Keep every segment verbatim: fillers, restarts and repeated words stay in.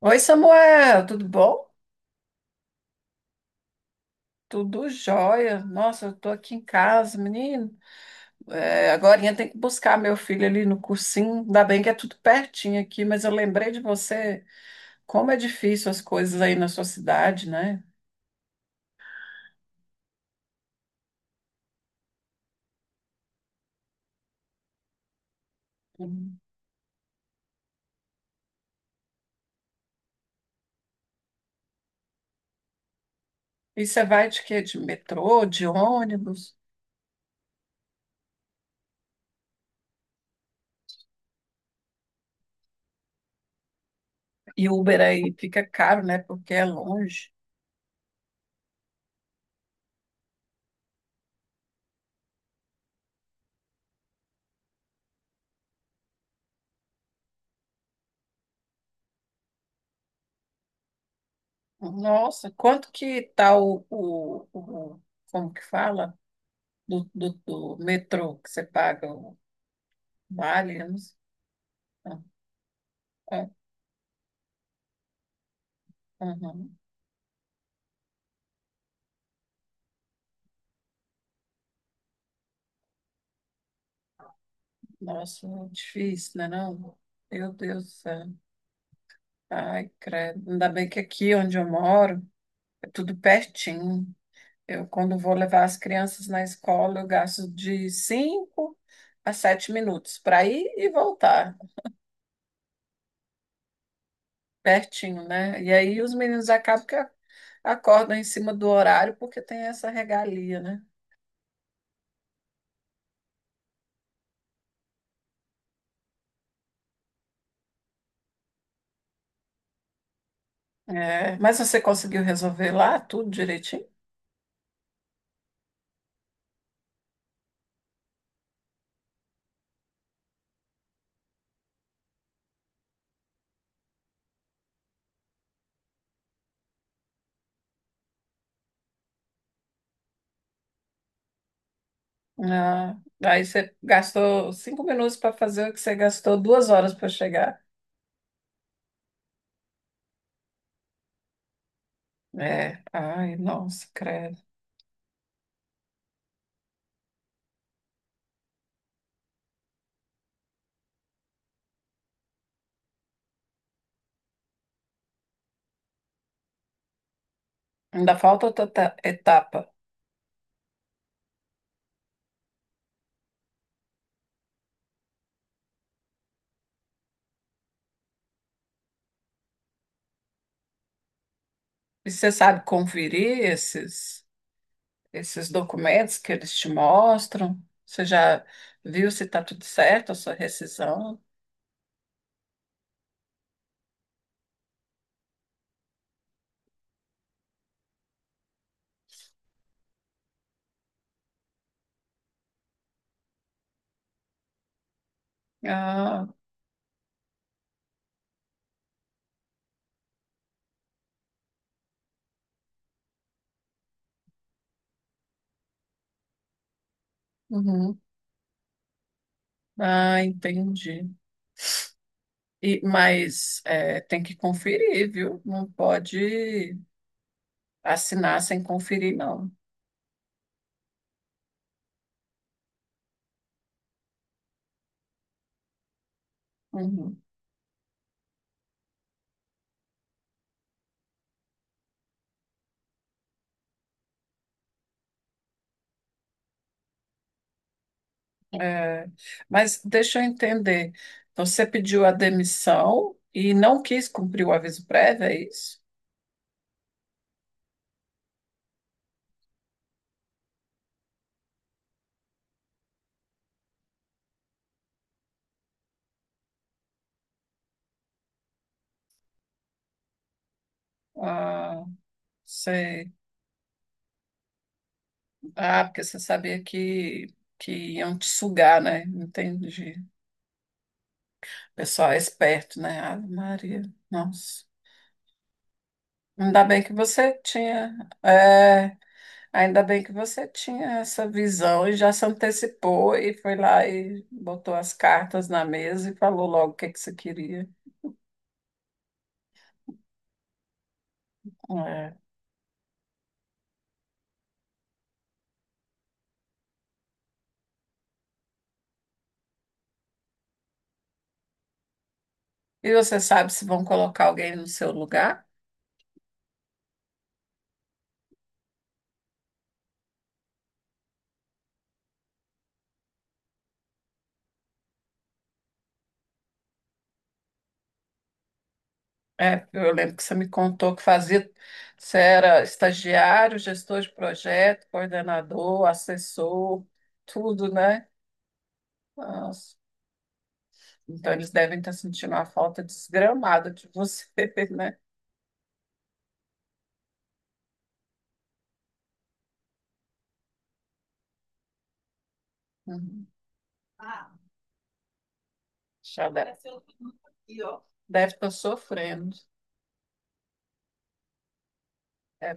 Oi, Samuel, tudo bom? Tudo jóia. Nossa, eu tô aqui em casa, menino. É, agorinha tem que buscar meu filho ali no cursinho. Ainda bem que é tudo pertinho aqui, mas eu lembrei de você, como é difícil as coisas aí na sua cidade, né? E você vai de quê? De metrô, de ônibus? E Uber aí fica caro, né? Porque é longe. Nossa, quanto que tá o, o, o- como que fala? Do, do, do metrô que você paga o vale, eu não sei. Ah. É, uhum. Nossa, difícil, né, não? Meu Deus do céu. Ai, credo. Ainda bem que aqui onde eu moro é tudo pertinho. Eu, quando vou levar as crianças na escola, eu gasto de cinco a sete minutos para ir e voltar, pertinho, né? E aí os meninos acabam que acordam em cima do horário porque tem essa regalia, né? É, mas você conseguiu resolver lá tudo direitinho? Ah, aí você gastou cinco minutos para fazer o que você gastou duas horas para chegar. É, ai, nossa, credo. Ainda falta outra ta- etapa. E você sabe conferir esses, esses documentos que eles te mostram? Você já viu se está tudo certo a sua rescisão? Ah, uhum. Ah, entendi. E, mas é, tem que conferir, viu? Não pode assinar sem conferir, não. Uhum. É, mas deixa eu entender. Você pediu a demissão e não quis cumprir o aviso prévio, é isso? Ah, sei. Ah, porque você sabia que, que iam te sugar, né? Entendi. Pessoal é esperto, né? Ave Maria. Nossa. Ainda bem que você tinha, é, ainda bem que você tinha essa visão e já se antecipou e foi lá e botou as cartas na mesa e falou logo o que que você queria. É. E você sabe se vão colocar alguém no seu lugar? É, eu lembro que você me contou que fazia, você era estagiário, gestor de projeto, coordenador, assessor, tudo, né? Nossa, então eles devem estar sentindo uma falta desgramada de você, né? Uhum. Já deve, deve estar sofrendo. É,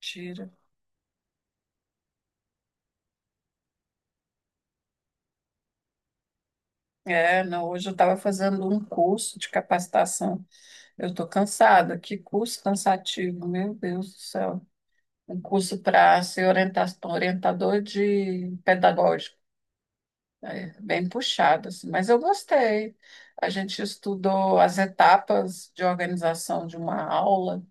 tira. É, não, hoje eu estava fazendo um curso de capacitação. Eu estou cansada. Que curso cansativo, meu Deus do céu. Um curso para ser orienta- orientador de pedagógico. É bem puxado, assim, mas eu gostei. A gente estudou as etapas de organização de uma aula,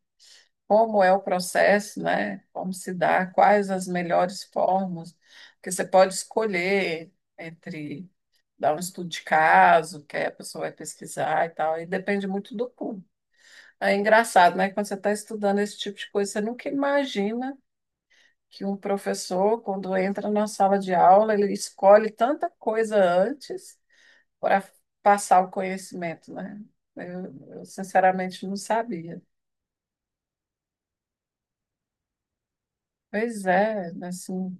como é o processo, né? Como se dá, quais as melhores formas, que você pode escolher entre dar um estudo de caso, que aí a pessoa vai pesquisar e tal, e depende muito do público. É engraçado, né? Quando você está estudando esse tipo de coisa, você nunca imagina que um professor, quando entra na sala de aula, ele escolhe tanta coisa antes para passar o conhecimento, né? Eu, eu, sinceramente não sabia. Pois é, assim,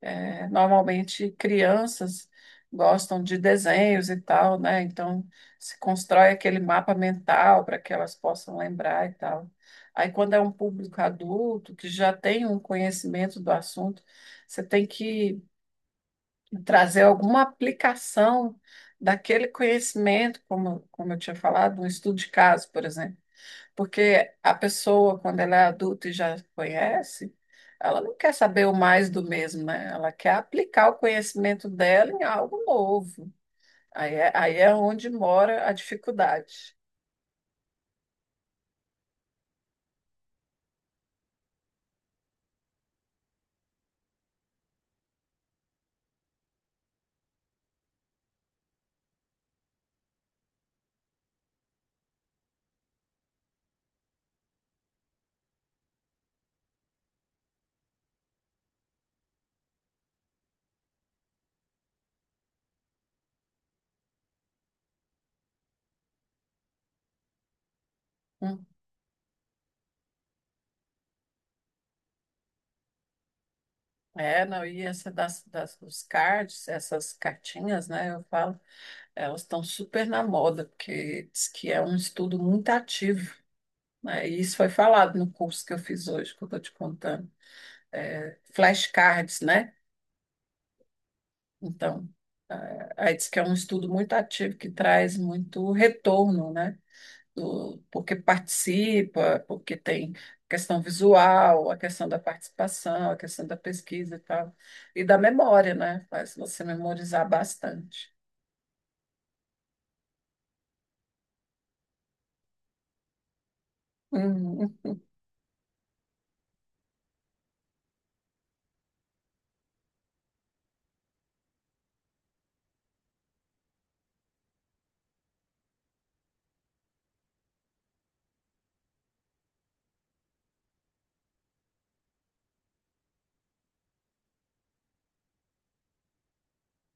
é, normalmente crianças gostam de desenhos e tal, né? Então se constrói aquele mapa mental para que elas possam lembrar e tal. Aí quando é um público adulto que já tem um conhecimento do assunto, você tem que trazer alguma aplicação daquele conhecimento, como, como eu tinha falado, um estudo de caso, por exemplo. Porque a pessoa, quando ela é adulta e já conhece, ela não quer saber o mais do mesmo, né? Ela quer aplicar o conhecimento dela em algo novo. Aí é, aí é onde mora a dificuldade. Hum. É, não, e essa das, das, dos cards, essas cartinhas, né, eu falo, elas estão super na moda, porque diz que é um estudo muito ativo. Né? E isso foi falado no curso que eu fiz hoje, que eu estou te contando. É, flashcards, né? Então, é, aí diz que é um estudo muito ativo que traz muito retorno, né? Do, porque participa, porque tem questão visual, a questão da participação, a questão da pesquisa e tal. E da memória, né? Faz você memorizar bastante. Uhum.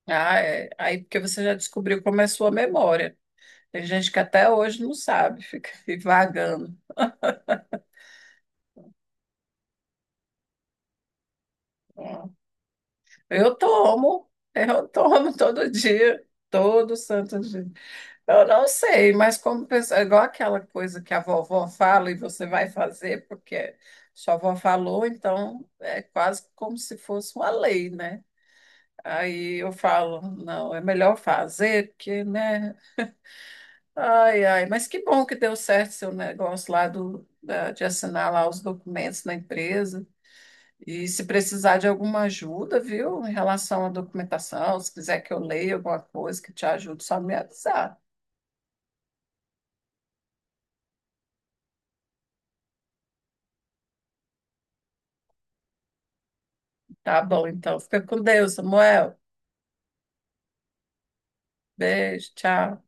Ah, é. Aí porque você já descobriu como é a sua memória. Tem gente que até hoje não sabe, fica aí vagando. Eu tomo, eu tomo todo dia, todo santo dia. Eu não sei, mas como pessoa, é igual aquela coisa que a vovó fala e você vai fazer porque sua avó falou, então é quase como se fosse uma lei, né? Aí eu falo, não, é melhor fazer, porque, né? Ai, ai, mas que bom que deu certo seu negócio lá do, da- de assinar lá os documentos na empresa. E se precisar de alguma ajuda, viu, em relação à documentação, se quiser que eu leia alguma coisa que te ajude, só me avisar. Tá bom, então. Fica com Deus, Samuel. Beijo, tchau.